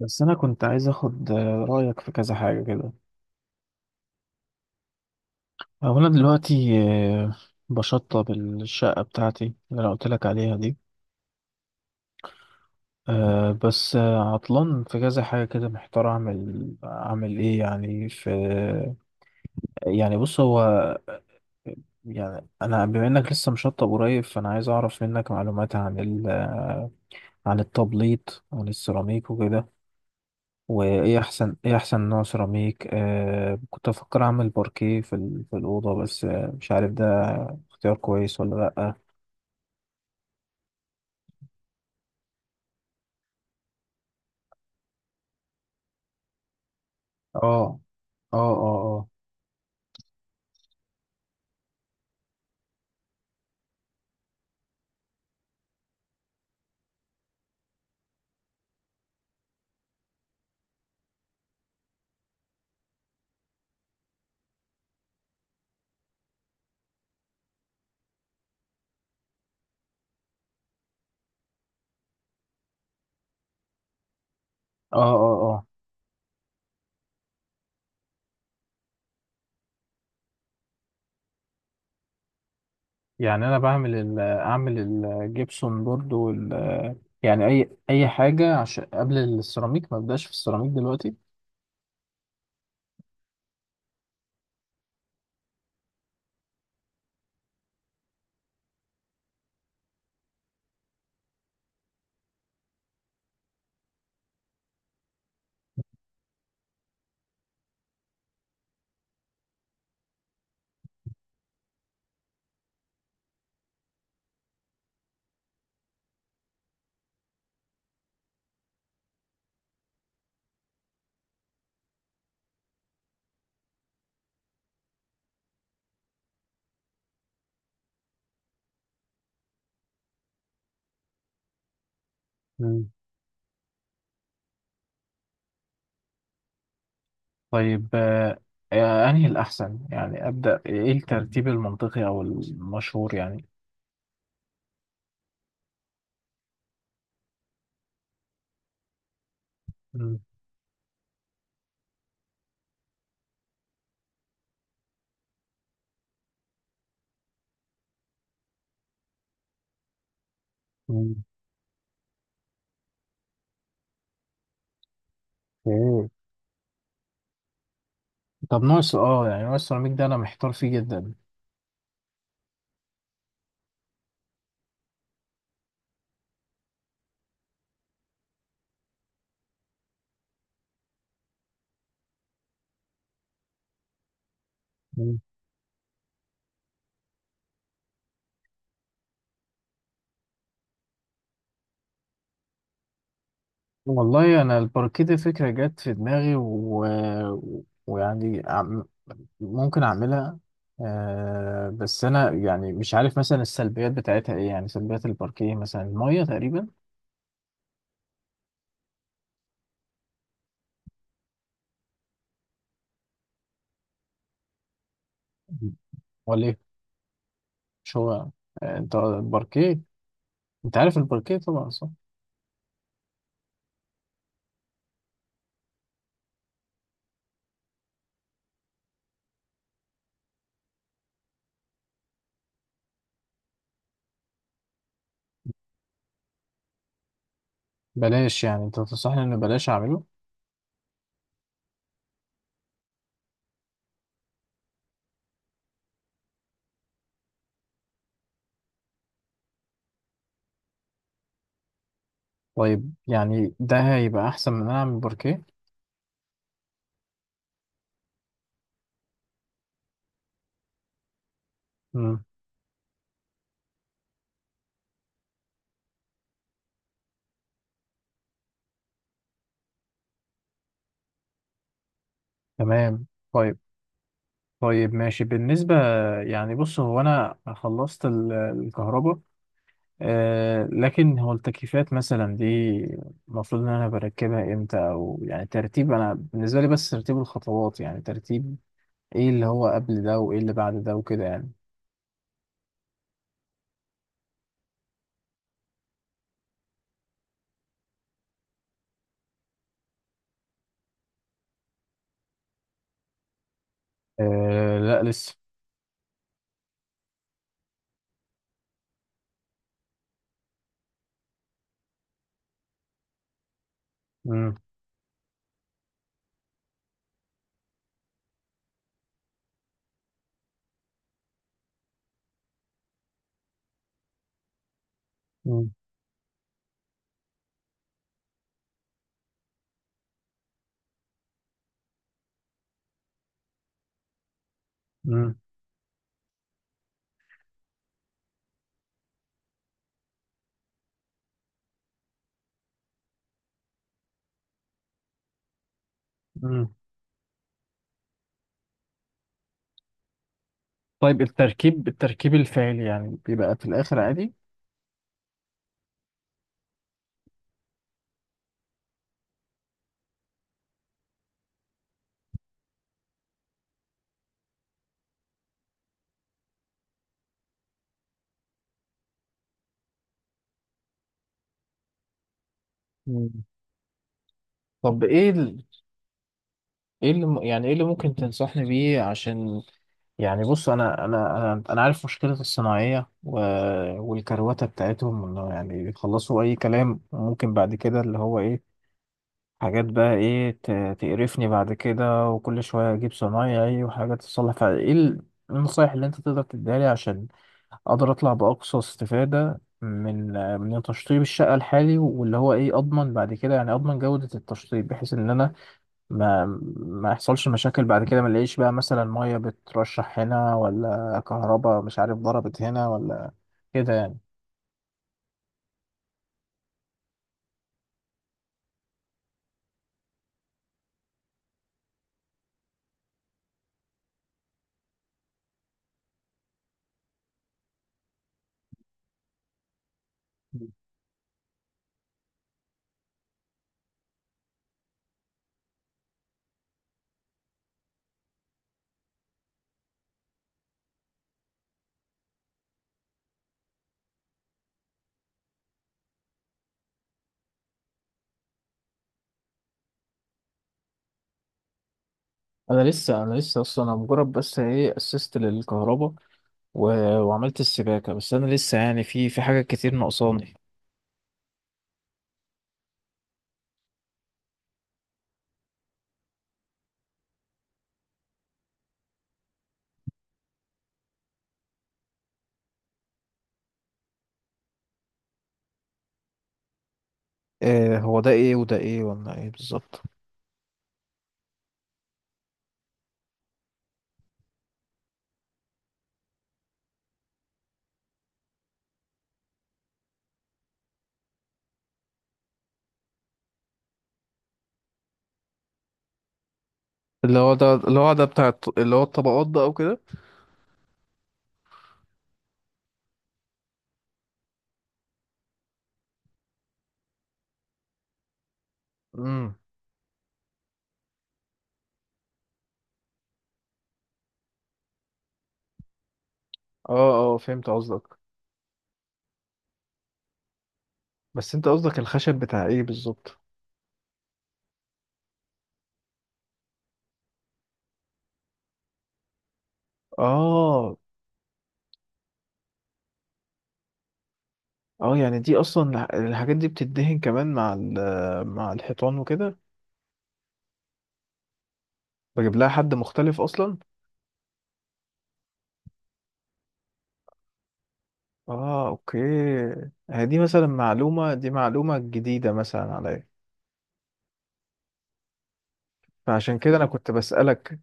بس أنا كنت عايز أخد رأيك في كذا حاجة كده. هو أنا دلوقتي آه، بشطب الشقة بتاعتي اللي أنا قلت لك عليها دي. آه، بس آه، عطلان في كذا حاجة كده، محتار أعمل إيه يعني في. يعني بص هو، يعني أنا بما إنك لسه مشطب قريب فأنا عايز أعرف منك معلومات عن ال آه، عن التبليط وعن السيراميك وكده. وايه احسن، ايه احسن نوع سيراميك؟ آه كنت افكر اعمل باركيه في الاوضه، بس مش عارف ده اختيار كويس ولا لا. اه، اه، اه، اه، اه، اه، اه. يعني انا بعمل اعمل الجبسون بورد يعني اي حاجه عشان قبل السيراميك ما ابداش في السيراميك دلوقتي. مم. طيب، انهي الاحسن؟ يعني ابدا ايه الترتيب المنطقي او المشهور يعني؟ مم. مم. مم. طب ناقص اه يعني ناقص السيراميك ده، انا محتار فيه جدا. مم. والله انا الباركيه دي فكره جت في دماغي ويعني عم- ممكن اعملها. بس انا يعني مش عارف مثلا السلبيات بتاعتها ايه، يعني سلبيات الباركيه مثلا الميه تقريبا. ولا ايه؟ مش هو آه انت الباركيه انت عارف الباركيه طبعا، صح؟ بلاش؟ يعني انت تنصحني ان بلاش اعمله؟ طيب يعني ده هيبقى احسن من ان انا اعمل باركيه؟ مم. تمام. طيب. طيب ماشي، بالنسبة، يعني بص هو أنا خلصت الكهرباء. آه، لكن هو التكييفات مثلا دي، المفروض إن أنا بركبها إمتى؟ أو يعني ترتيب، أنا بالنسبة لي بس ترتيب الخطوات، يعني ترتيب إيه اللي هو قبل ده وإيه اللي بعد ده وكده يعني. آه، لا لسه. مم. مم. مم. مم. طيب التركيب، الفعلي يعني بيبقى في الآخر عادي؟ مم. طب ايه ايه اللي يعني ايه اللي ممكن تنصحني بيه عشان؟ يعني بص، انا عارف مشكله الصناعيه والكروته بتاعتهم، انه يعني بيخلصوا اي كلام، ممكن بعد كده اللي هو ايه، حاجات بقى ايه تقرفني بعد كده. وكل شويه اجيب صنايعي وحاجات تصلح، فايه النصايح اللي انت تقدر تديها لي عشان اقدر اطلع باقصى استفاده من تشطيب الشقه الحالي، واللي هو ايه اضمن بعد كده، يعني اضمن جوده التشطيب، بحيث ان انا ما ما يحصلش مشاكل بعد كده، ما نلاقيش بقى مثلا ميه بترشح هنا، ولا كهرباء مش عارف ضربت هنا ولا كده يعني. انا لسه، اصلا انا مجرد بس ايه اسست للكهرباء و... وعملت السباكه، بس انا لسه يعني في حاجات كتير ناقصاني. إيه هو ده ايه؟ وده ايه؟ ولا ايه بالظبط؟ اللي هو ده بتاع اللي هو الطبقات، ده او كده؟ امم اه، اه، فهمت قصدك. بس انت قصدك الخشب بتاع ايه بالظبط؟ اه، اه، يعني دي اصلا الحاجات دي بتدهن كمان مع مع الحيطان وكده؟ بجيب لها حد مختلف اصلا؟ اه، اوكي. هي دي مثلا معلومة، دي معلومة جديدة مثلا عليا. فعشان كده انا كنت بسألك.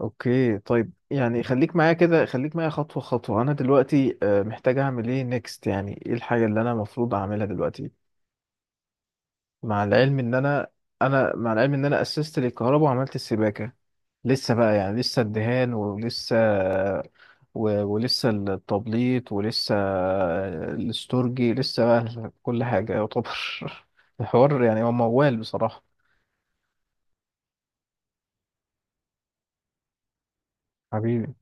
اوكي. طيب، يعني خليك معايا كده، خليك معايا خطوة خطوة. انا دلوقتي محتاج اعمل ايه نيكست؟ يعني ايه الحاجة اللي انا المفروض اعملها دلوقتي؟ مع العلم ان انا انا مع العلم ان انا اسست للكهرباء وعملت السباكه. لسه بقى، يعني لسه الدهان ولسه ولسه التبليط ولسه الاستورجي لسه بقى، كل حاجه يعتبر الحوار يعني هو موال بصراحه. حبيبي.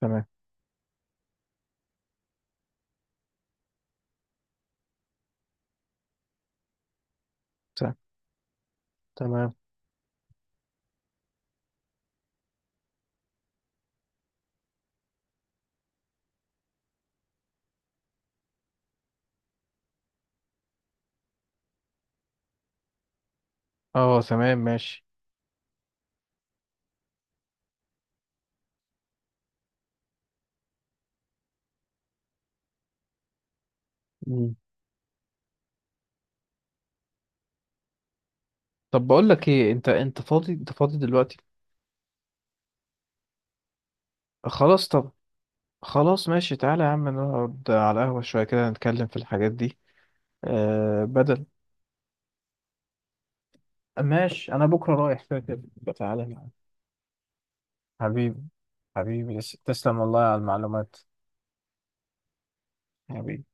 تمام. ت- تمام. اه. تمام ماشي. مم. طب بقول لك ايه، انت فاضي دلوقتي؟ خلاص. طب، خلاص ماشي، تعالى يا عم نقعد على القهوه شويه كده نتكلم في الحاجات دي. بدل. ماشي انا بكره رايح كده كده، يبقى تعالى معايا. حبيبي. حبيبي، تسلم والله على المعلومات. حبيبي.